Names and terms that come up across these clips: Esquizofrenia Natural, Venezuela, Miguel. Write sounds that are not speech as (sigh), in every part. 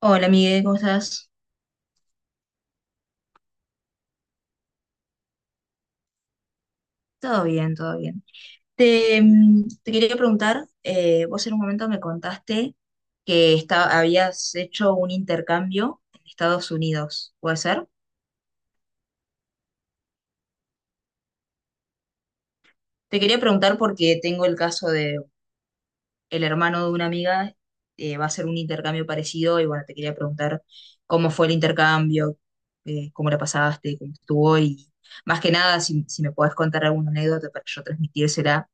Hola, Miguel, ¿cómo estás? Todo bien, todo bien. Te quería preguntar, vos en un momento me contaste que habías hecho un intercambio en Estados Unidos, ¿puede ser? Te quería preguntar porque tengo el caso de el hermano de una amiga, va a hacer un intercambio parecido y bueno, te quería preguntar cómo fue el intercambio, cómo la pasaste, cómo estuvo y más que nada si me podés contar alguna anécdota para yo transmitírsela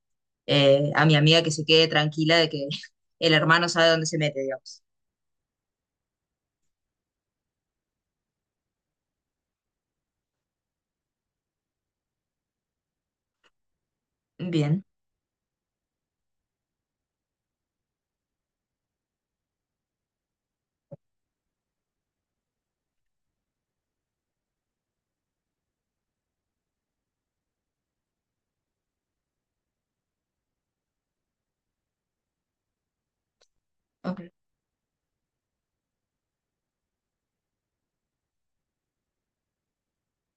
a mi amiga que se quede tranquila de que (laughs) el hermano sabe dónde se mete, digamos. Bien, ok,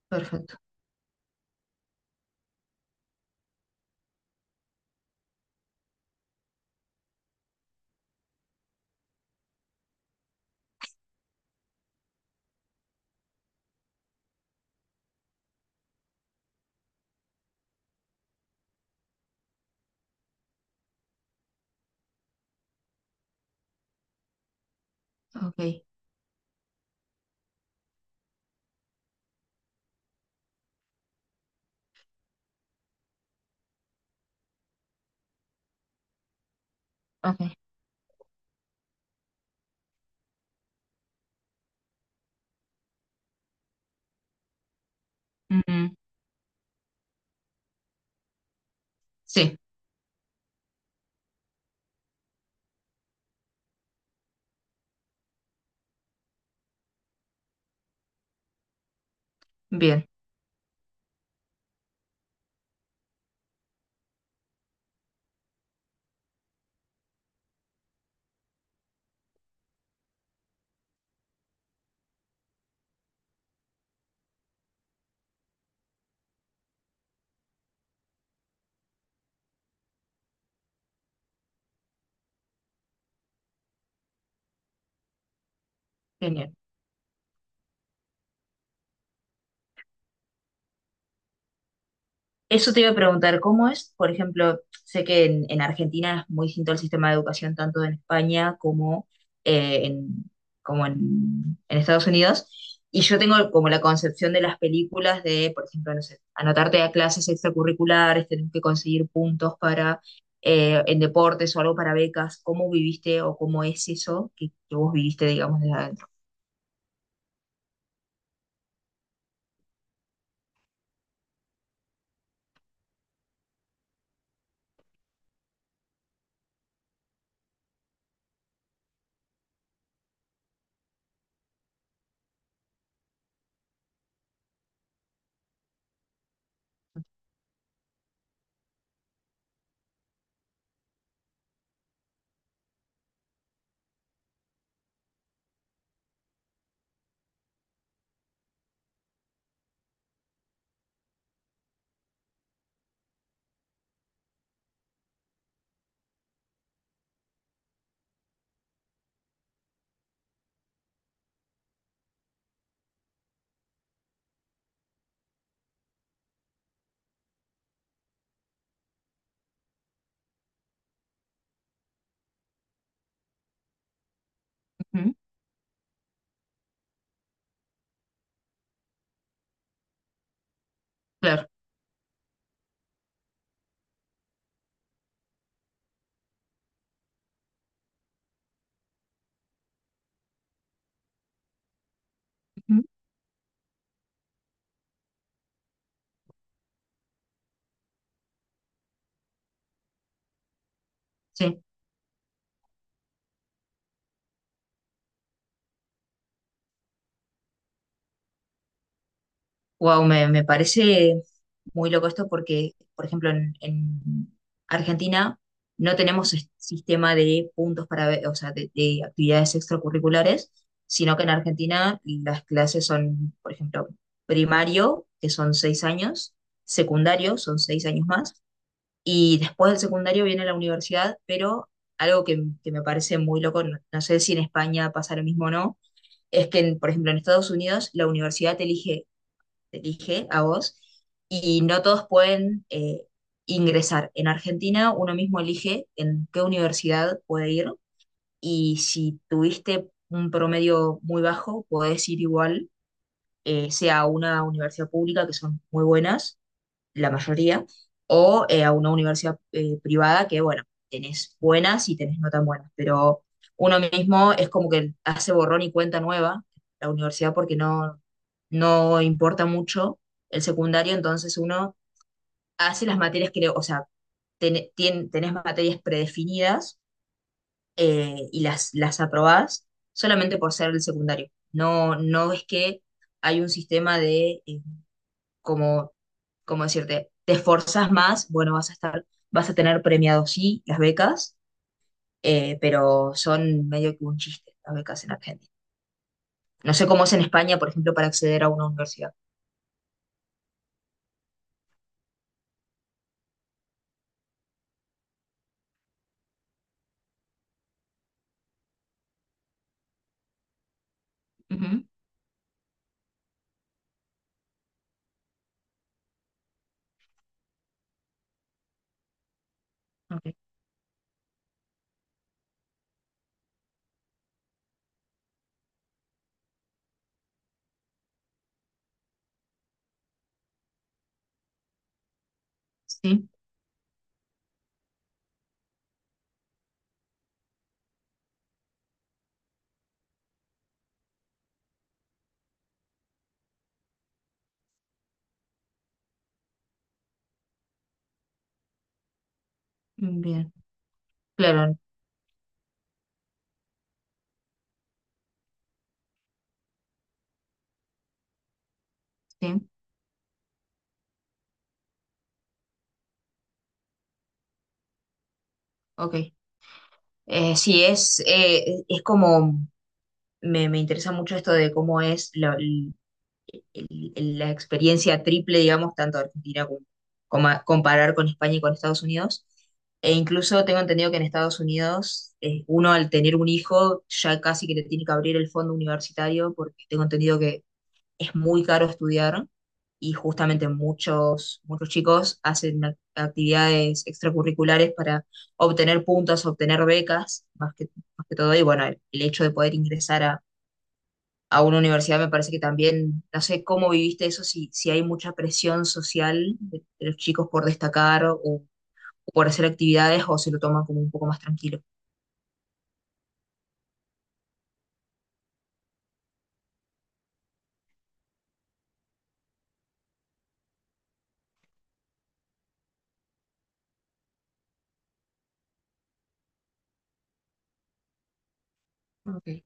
perfecto, ok, ok. Mm, sí, bien, genial. Eso te iba a preguntar, ¿cómo es? Por ejemplo, sé que en Argentina es muy distinto el sistema de educación tanto en España como, eh, en, como en Estados Unidos. Y yo tengo como la concepción de las películas de, por ejemplo, no sé, anotarte a clases extracurriculares, tenés que conseguir puntos para en deportes o algo para becas. ¿Cómo viviste o cómo es eso que vos viviste, digamos, desde adentro? Ujú. Claro, ujú, sí. Wow, me parece muy loco esto porque, por ejemplo, en Argentina no tenemos sistema de puntos para ver, o sea, de actividades extracurriculares, sino que en Argentina las clases son, por ejemplo, primario, que son seis años, secundario, son seis años más, y después del secundario viene la universidad, pero algo que me parece muy loco, no sé si en España pasa lo mismo o no, es que, por ejemplo, en Estados Unidos la universidad elige te dije a vos, y no todos pueden ingresar. En Argentina uno mismo elige en qué universidad puede ir y si tuviste un promedio muy bajo, podés ir igual, sea a una universidad pública, que son muy buenas, la mayoría, o a una universidad privada que, bueno, tenés buenas y tenés no tan buenas, pero uno mismo es como que hace borrón y cuenta nueva la universidad porque no importa mucho el secundario, entonces uno hace las materias que, o sea, tenés materias predefinidas y las aprobás solamente por ser el secundario. No, no es que hay un sistema de... como, como decirte, te esforzas más, bueno, vas a estar, vas a tener premiado sí las becas, pero son medio que un chiste las becas en Argentina. No sé cómo es en España, por ejemplo, para acceder a una universidad. Ujú, ok, sí, bien, claro, sí, ok. Sí, es como, me interesa mucho esto de cómo es la, la experiencia triple, digamos, tanto Argentina como, comparar con España y con Estados Unidos. E incluso tengo entendido que en Estados Unidos uno al tener un hijo ya casi que le tiene que abrir el fondo universitario porque tengo entendido que es muy caro estudiar y justamente muchos chicos hacen actividades extracurriculares para obtener puntos, obtener becas, más que todo. Y bueno, el hecho de poder ingresar a una universidad, me parece que también, no sé cómo viviste eso, si hay mucha presión social de los chicos por destacar o, por hacer actividades o se lo toman como un poco más tranquilo. Ok,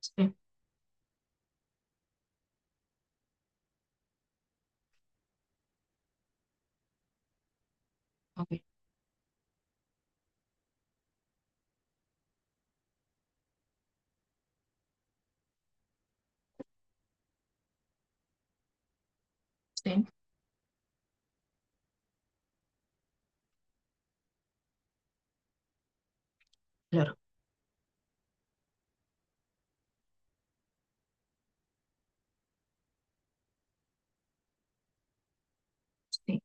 sí, ok, sí, claro, sí.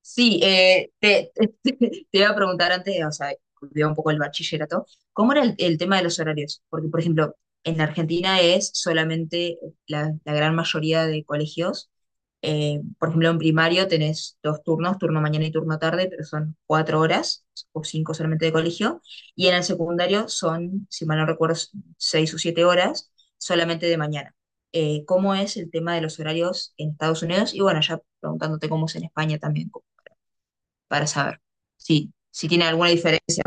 Sí, (laughs) te iba a preguntar antes, o sea, volvió un poco el bachillerato, ¿cómo era el tema de los horarios? Porque, por ejemplo, en Argentina es solamente la gran mayoría de colegios, por ejemplo, en primario tenés dos turnos, turno mañana y turno tarde, pero son cuatro horas o cinco solamente de colegio, y en el secundario son, si mal no recuerdo, seis o siete horas solamente de mañana. ¿Cómo es el tema de los horarios en Estados Unidos? Y bueno, ya preguntándote cómo es en España también para saber si tiene alguna diferencia.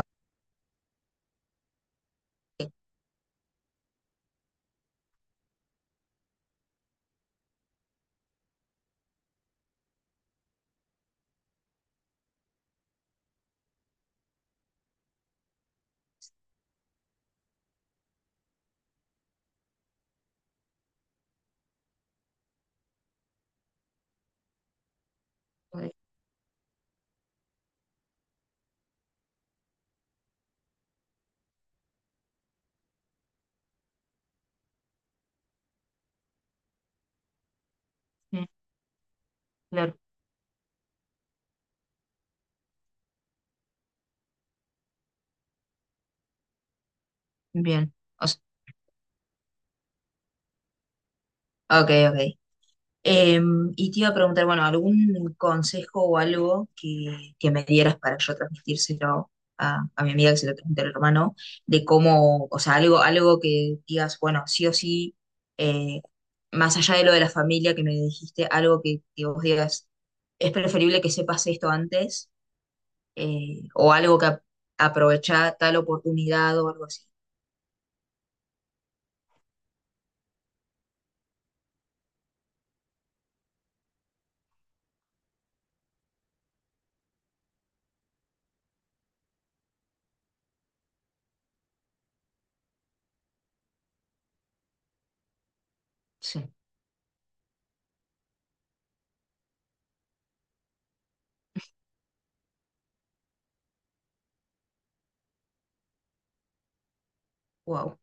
Mm, claro, bien. O sea, ok, ok. Em, y te iba a preguntar, bueno, ¿algún consejo o algo que me dieras para yo transmitírselo a mi amiga que se lo transmite al hermano, de cómo, o sea, algo, algo que digas, bueno, sí o sí, eh, más allá de lo de la familia que me dijiste, algo que vos digas, es preferible que sepas esto antes o algo que aprovechá tal oportunidad o algo así. Sí, wow.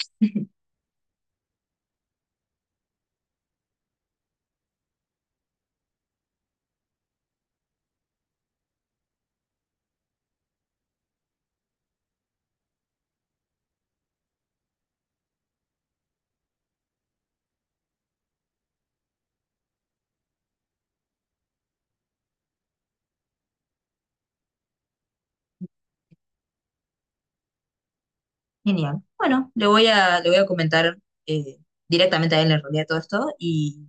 (laughs) Genial. Bueno, le voy a comentar eh, directamente a él en realidad todo esto y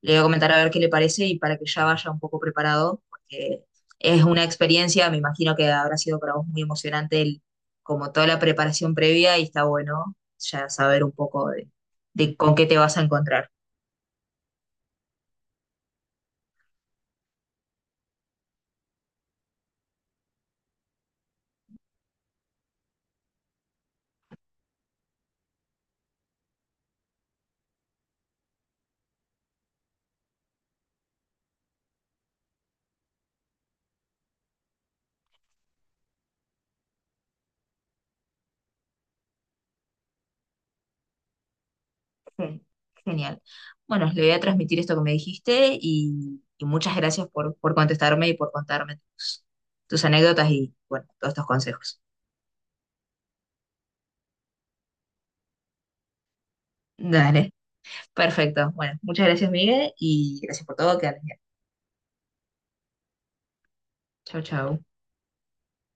le voy a comentar a ver qué le parece y para que ya vaya un poco preparado, porque es una experiencia, me imagino que habrá sido para vos muy emocionante como toda la preparación previa y está bueno ya saber un poco de con qué te vas a encontrar. Gen- Genial. Bueno, le voy a transmitir esto que me dijiste y muchas gracias por contestarme y por contarme tus, tus anécdotas y, bueno, todos estos consejos. Dale, perfecto. Bueno, muchas gracias, Miguel, y gracias por todo. Que andes bien. Chau, chau.